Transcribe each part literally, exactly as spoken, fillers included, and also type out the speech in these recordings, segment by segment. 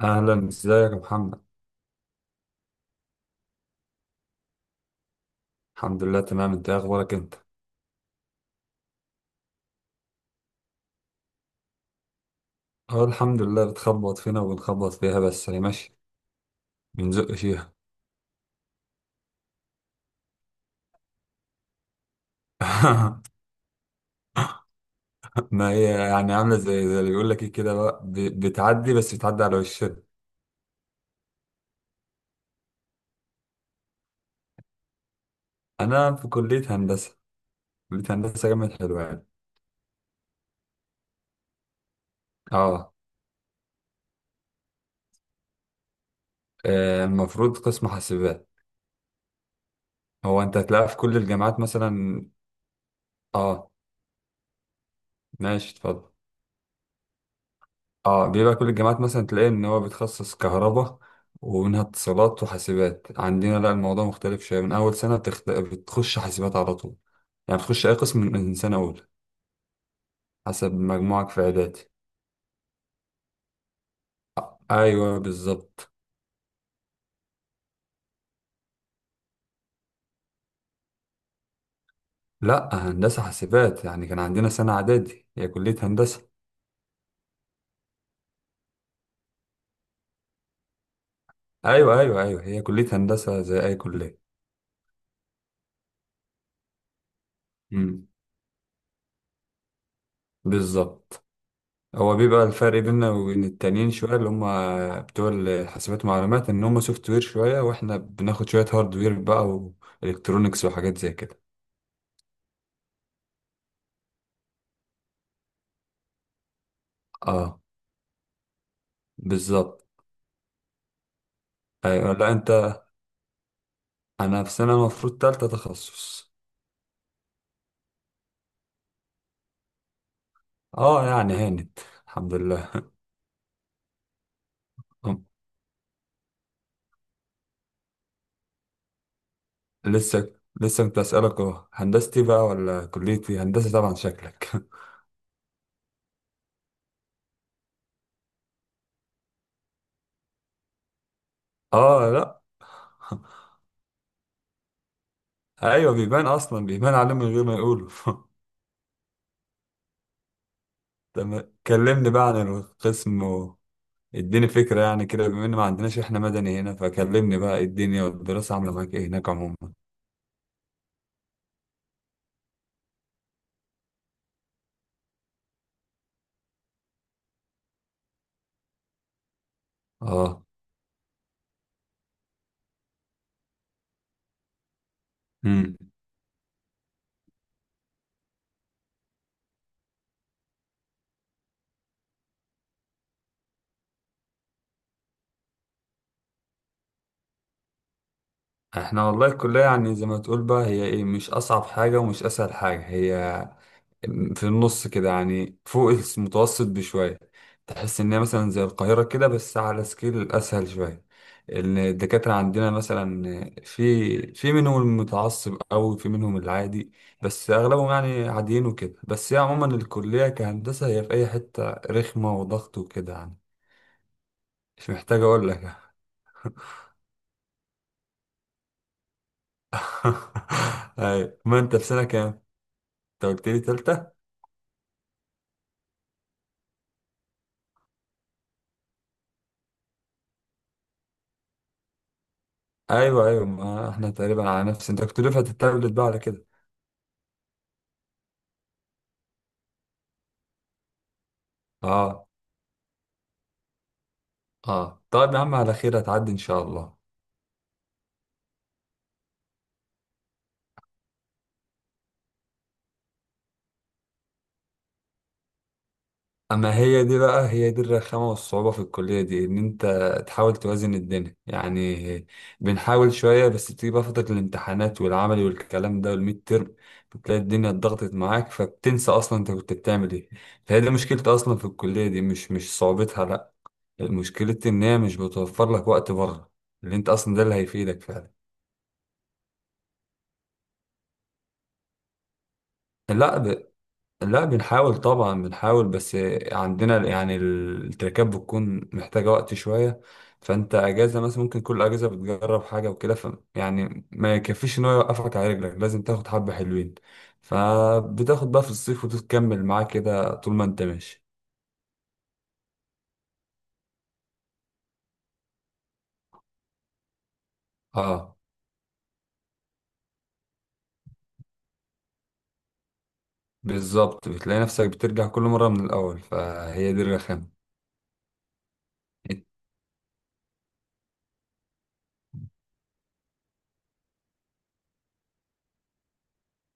أهلا، إزيك يا محمد. الحمد لله تمام، أنت إيه أخبارك أنت؟ أه، الحمد لله، بتخبط فينا وبنخبط فيها، بس هي ماشية. بنزق فيها. ما هي يعني عاملة زي زي اللي بيقول لك إيه، كده بقى، ب- بتعدي، بس بتعدي على وشنا. أنا في كلية هندسة. كلية هندسة جامعة حلوان. أه. آه، المفروض قسم حاسبات. هو أنت هتلاقيها في كل الجامعات مثلا. أه. ماشي اتفضل. اه، بيبقى كل الجامعات مثلا تلاقيه ان هو بيتخصص كهرباء، ومنها اتصالات وحاسبات. عندنا لا، الموضوع مختلف شويه، من اول سنه بتخت... بتخش حاسبات على طول. يعني بتخش اي قسم من من سنه اولى، حسب مجموعك في اعدادي. ايوه بالظبط. لا، هندسه حاسبات، يعني كان عندنا سنه اعدادي، هي كليه هندسه. ايوه ايوه ايوه، هي كليه هندسه زي اي كليه. امم. بالظبط. هو بيبقى الفرق بيننا وبين التانيين شوية، اللي هم بتوع الحاسبات والمعلومات إن هم سوفت وير شوية، وإحنا بناخد شوية هاردوير بقى، وإلكترونيكس وحاجات زي كده. اه. بالظبط. أيوة. لا أنت، أنا في سنة المفروض تالتة تخصص. اه يعني هانت، الحمد لله. أم، لسه. لسه كنت أسألك أهو هندستي بقى ولا كليتي. هندسة طبعا شكلك. اه لا. أيوة بيبان، أصلا بيبان عليه من غير ما يقولوا. تمام، كلمني بقى عن القسم. اديني فكرة يعني كده، بما ان ما عندناش احنا مدني هنا، فكلمني بقى إيه الدنيا والدراسة عاملة معاك ايه هناك عموما. اه. امم. احنا والله الكلية يعني زي ما تقول بقى، هي ايه، مش اصعب حاجة ومش اسهل حاجة، هي في النص كده يعني، فوق المتوسط بشوية. تحس إن هي مثلا زي القاهرة كده بس على سكيل أسهل شوية. إن الدكاترة عندنا مثلا في في منهم المتعصب أوي، في منهم العادي، بس أغلبهم يعني عاديين وكده. بس هي عموما الكلية كهندسة هي في أي حتة رخمة وضغط وكده يعني. مش محتاج أقول لك يعني. أيوة. ما أنت في سنة كام؟ أنت قلت لي تالتة؟ أيوه أيوه، ما إحنا تقريبا على نفس. أنت كنت دفعة التابلت بقى على كده. اه. اه طيب، يا عم على خير، هتعدي ان شاء الله. اما هي دي بقى، هي دي الرخامه والصعوبه في الكليه دي، ان انت تحاول توازن الدنيا يعني. بنحاول شويه، بس بتيجي بقى فتره الامتحانات والعملي والكلام ده والميد ترم، بتلاقي الدنيا اتضغطت معاك، فبتنسى اصلا انت كنت بتعمل ايه. فهي دي مشكلتي اصلا في الكليه دي، مش مش صعوبتها لا، مشكلتي ان هي مش بتوفر لك وقت بره، اللي انت اصلا ده اللي هيفيدك فعلا. لا. لا بنحاول طبعا، بنحاول، بس عندنا يعني التركات بتكون محتاجة وقت شوية. فانت اجازة مثلا، ممكن كل اجازة بتجرب حاجة وكده، ف يعني ما يكفيش ان هو يوقفك على رجلك، لازم تاخد حبة حلوين، فبتاخد بقى في الصيف وتكمل معاه كده طول ما انت ماشي. اه. بالظبط، بتلاقي نفسك بترجع كل مرة من الاول، فهي دي الرخامة.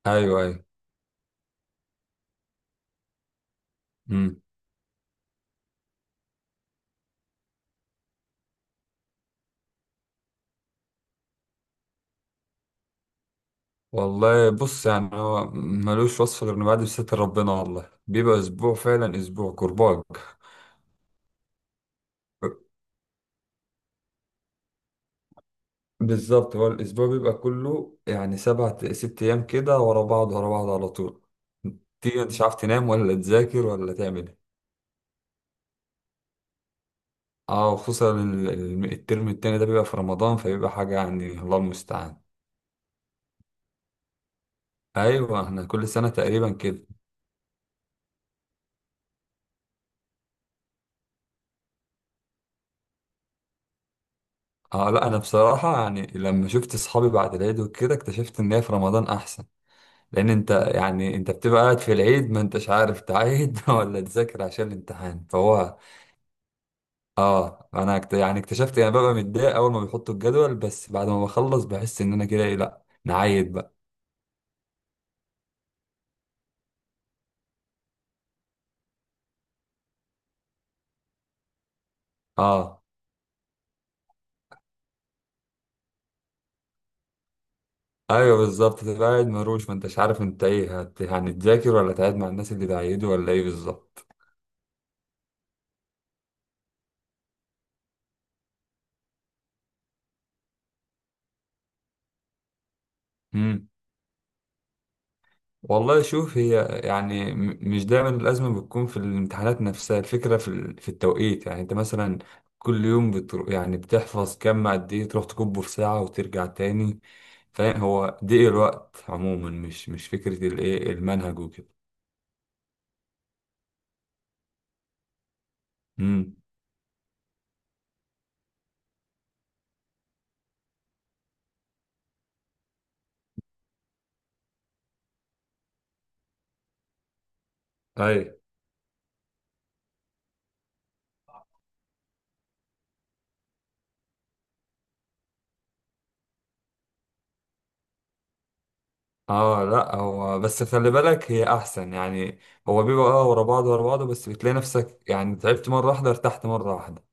ايوه ايوه. والله بص، يعني هو ملوش وصف غير انه بعد بستر ربنا، والله بيبقى اسبوع فعلا، اسبوع كرباج. بالظبط، هو الاسبوع بيبقى كله يعني سبع ست ايام كده ورا بعض، ورا بعض على طول. تيجي انت مش عارف تنام ولا تذاكر ولا تعمل ايه. اه، وخصوصا ال- ال- الترم التاني ده بيبقى في رمضان، فبيبقى حاجة يعني الله المستعان. ايوه، احنا كل سنة تقريبا كده. اه لا، انا بصراحة يعني لما شفت اصحابي بعد العيد وكده اكتشفت ان هي في رمضان احسن. لان انت يعني، انت بتبقى قاعد في العيد ما انتش عارف تعيد ولا تذاكر عشان الامتحان، فهو. اه، انا اكت- يعني اكتشفت يعني ببقى متضايق اول ما بيحطوا الجدول، بس بعد ما بخلص بحس ان انا كده ايه، لا نعيد بقى. اه. ايوه بالظبط، تبقى قاعد مروش، ما انتش عارف انت ايه هت... يعني تذاكر ولا تعيد مع الناس اللي بعيدوا ولا ايه، بالظبط. مم. والله شوف، هي يعني م- مش دايما الأزمة بتكون في الامتحانات نفسها، الفكرة في ال- في التوقيت. يعني أنت مثلا كل يوم بتروح، يعني بتحفظ كم قد إيه، تروح تكبه في ساعة وترجع تاني. فاهم، هو ضيق الوقت عموما، مش مش فكرة الإيه المنهج وكده. امم. طيب. اه لا، هو بس خلي بالك هي أحسن يعني. هو بيبقى اه ورا بعض، ورا بعض، بس بتلاقي نفسك يعني تعبت مرة واحدة، ارتحت مرة واحدة.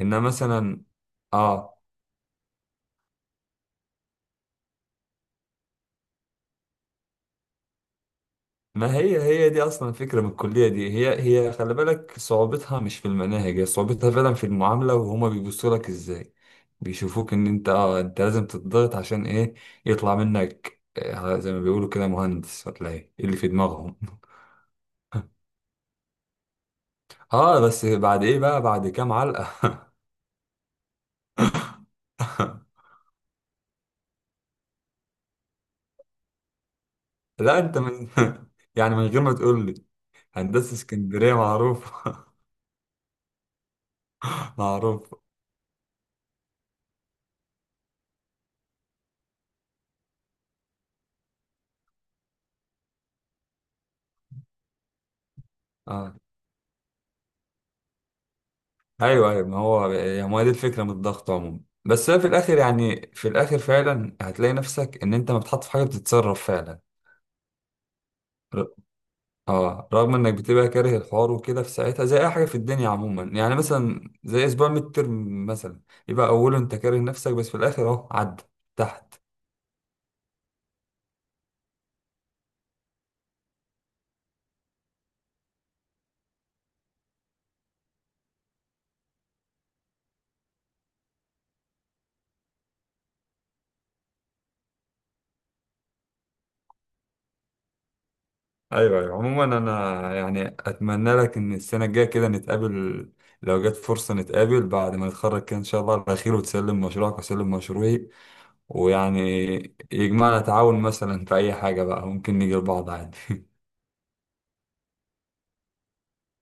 إنما مثلا. اه. ما هي، هي دي اصلا الفكره من الكليه دي، هي هي خلي بالك صعوبتها مش في المناهج، هي صعوبتها فعلا في المعامله، وهما بيبصوا لك ازاي، بيشوفوك ان انت اه انت لازم تتضغط عشان ايه، يطلع منك آه، زي ما بيقولوا كده مهندس ولا ايه، إيه اللي في دماغهم. اه بس بعد ايه بقى، بعد كام علقه. لا انت من. يعني من غير ما تقول لي، هندسه اسكندريه معروف. معروف. ايوه ايوه، ما هو يعني ما هي دي الفكره من الضغط عموما. بس هي في الاخر، يعني في الاخر فعلا هتلاقي نفسك ان انت بتحط في حاجه بتتصرف فعلا. ر- اه رغم انك بتبقى كاره الحوار وكده في ساعتها، زي اي حاجه في الدنيا عموما. يعني مثلا زي اسبوع ميد ترم مثلا، يبقى اوله انت كاره نفسك، بس في الاخر اهو عدى تحت. ايوه ايوه. عموما انا يعني اتمنى لك ان السنه الجايه كده نتقابل، لو جت فرصه نتقابل بعد ما نتخرج كده ان شاء الله على خير، وتسلم مشروعك واسلم مشروعي، ويعني يجمعنا تعاون مثلا في أي حاجة بقى، ممكن نيجي لبعض عادي.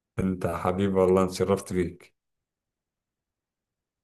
أنت حبيبي والله، أنا اتشرفت بيك.